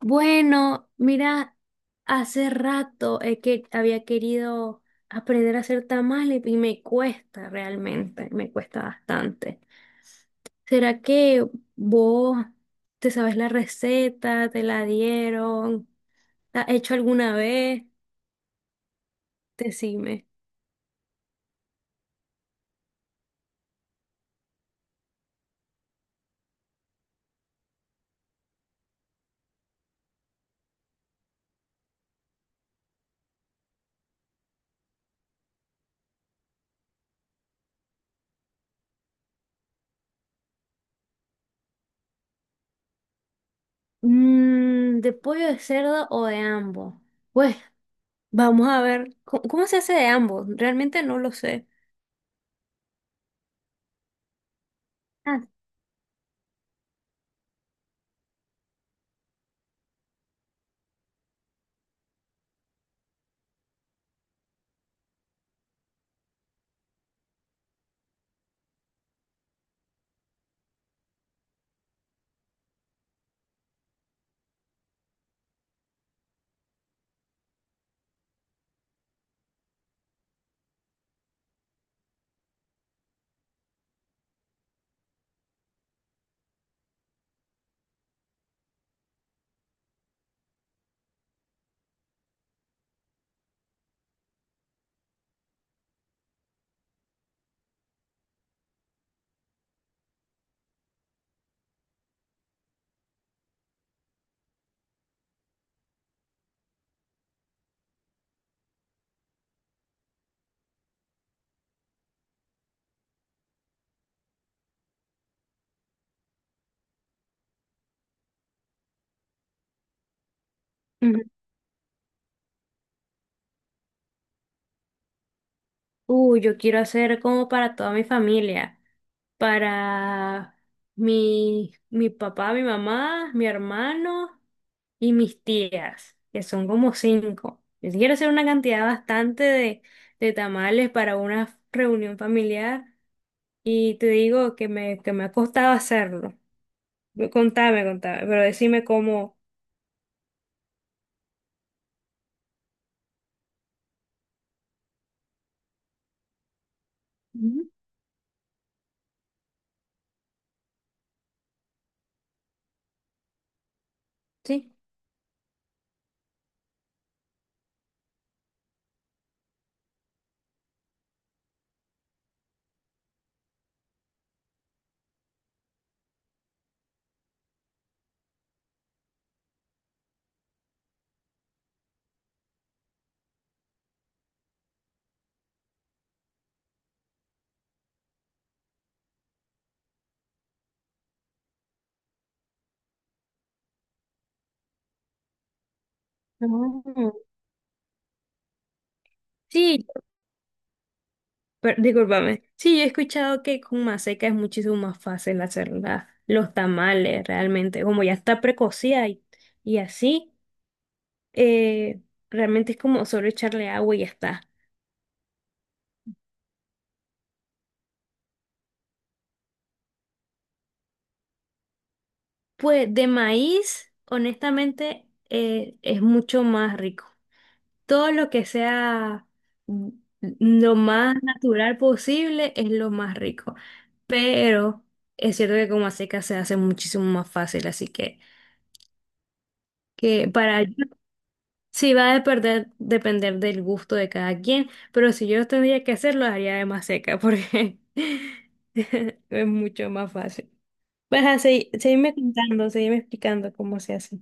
Bueno, mira, hace rato que había querido aprender a hacer tamales y me cuesta realmente, me cuesta bastante. ¿Será que vos te sabes la receta, te la dieron, la has hecho alguna vez? Decime. Mm, ¿de pollo, de cerdo o de ambos? Pues vamos a ver, ¿cómo se hace de ambos? Realmente no lo sé. Ah. Yo quiero hacer como para toda mi familia, para mi papá, mi mamá, mi hermano y mis tías, que son como cinco. Yo sí quiero hacer una cantidad bastante de tamales para una reunión familiar y te digo que me ha costado hacerlo. Contame, contame, pero decime cómo. Ujú. Sí. Ah. Sí. Pero, discúlpame. Sí, yo he escuchado que con maseca es muchísimo más fácil hacer los tamales, realmente. Como ya está precocida y así, eh, realmente es como solo echarle agua y ya está. Pues de maíz, honestamente, es mucho más rico. Todo lo que sea, mm, lo más natural posible es lo más rico. Pero es cierto que con maseca se hace muchísimo más fácil, así que para... Sí, va a depender del gusto de cada quien, pero si yo tendría que hacerlo, haría de más seca porque es mucho más fácil. Pues así, seguirme contando, seguirme explicando cómo se hace.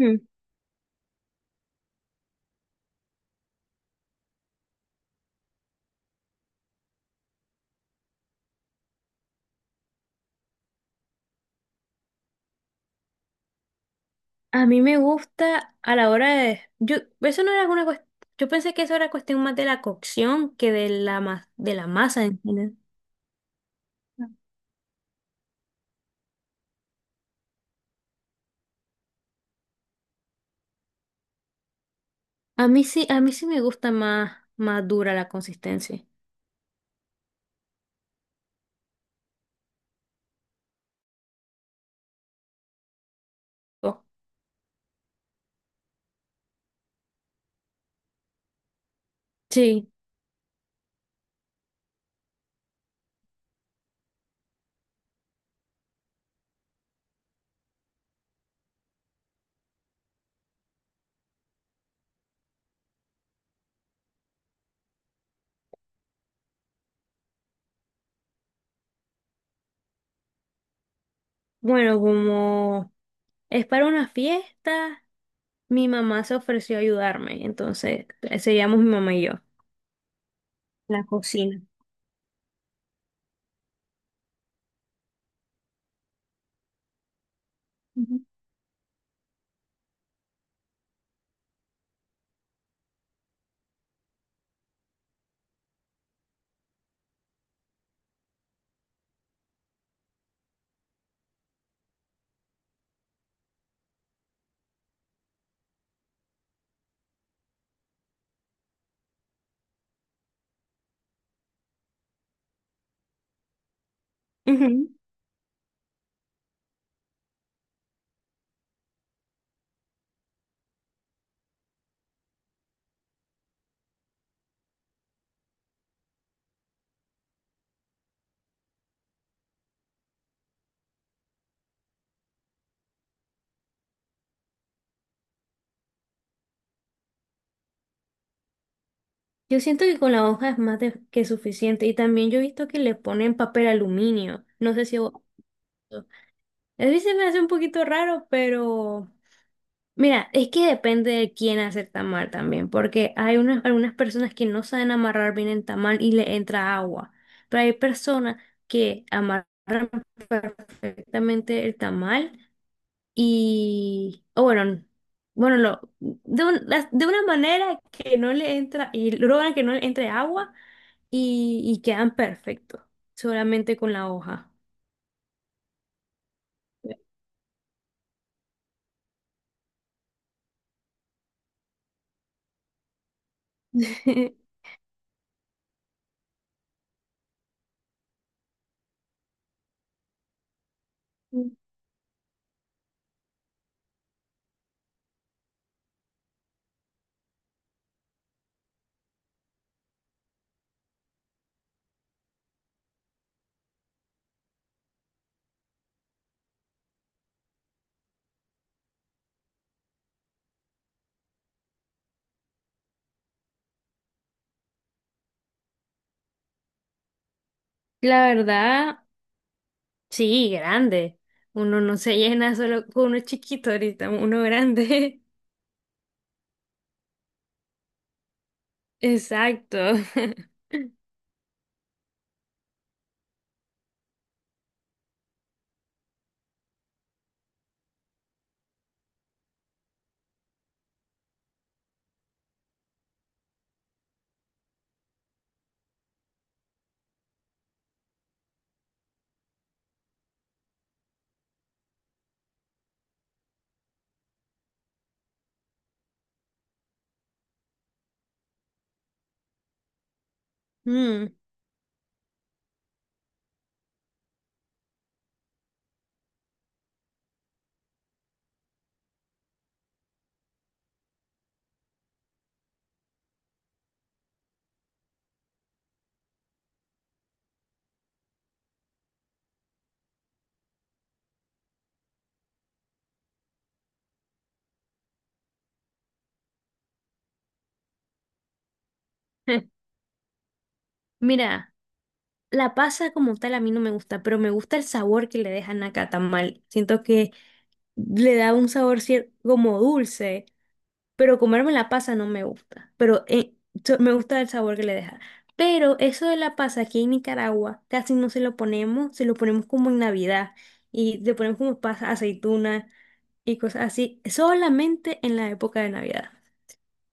Mm. A mí me gusta a la hora de... Yo, eso no era una cuestión... Yo pensé que eso era cuestión más de la cocción que de la, de la masa en general. A mí sí me gusta más dura la consistencia. Oh. Sí, bueno, como es para una fiesta. Mi mamá se ofreció a ayudarme, entonces seríamos mi mamá y yo. La cocina. Ujú. Ujú. Yo siento que con la hoja es que suficiente, y también yo he visto que le ponen papel aluminio. No sé si... vos... A mí se me hace un poquito raro, pero mira, es que depende de quién hace el tamal también, porque hay unas, algunas personas que no saben amarrar bien el tamal y le entra agua, pero hay personas que amarran perfectamente el tamal. Y, o bueno, bueno, lo, de, un- De una manera que no le entra, y logran que no le entre agua, y quedan perfectos, solamente con la hoja. La verdad, sí, grande. Uno no se llena solo con uno chiquito; ahorita, uno grande. Exacto. Mm. Mira, la pasa como tal a mí no me gusta, pero me gusta el sabor que le dejan a cada tamal. Siento que le da un sabor como dulce, pero comerme la pasa no me gusta, pero me gusta el sabor que le deja. Pero eso de la pasa, aquí en Nicaragua casi no se lo ponemos; se lo ponemos como en Navidad, y le ponemos como pasa, aceituna y cosas así, solamente en la época de Navidad.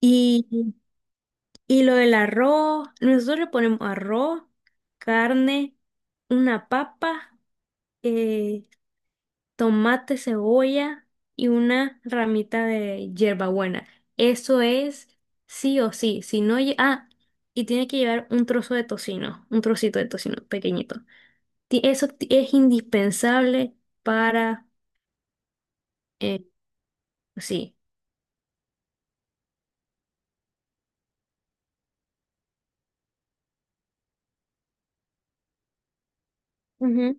Y y lo del arroz, nosotros le ponemos arroz, carne, una papa, eh, tomate, cebolla y una ramita de hierbabuena. Eso es sí o sí. Si no, y tiene que llevar un trozo de tocino, un trocito de tocino pequeñito. Eso es indispensable para, eh, sí. Ujú.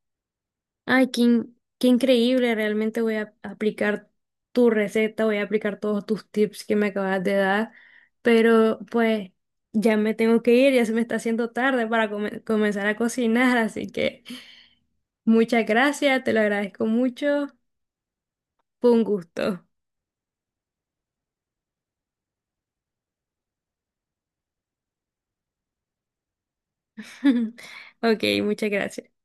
Ay, qué increíble, realmente voy a aplicar tu receta, voy a aplicar todos tus tips que me acabas de dar, pero pues ya me tengo que ir, ya se me está haciendo tarde para comenzar a cocinar, así que muchas gracias, te lo agradezco mucho, fue un gusto. Ok, muchas gracias.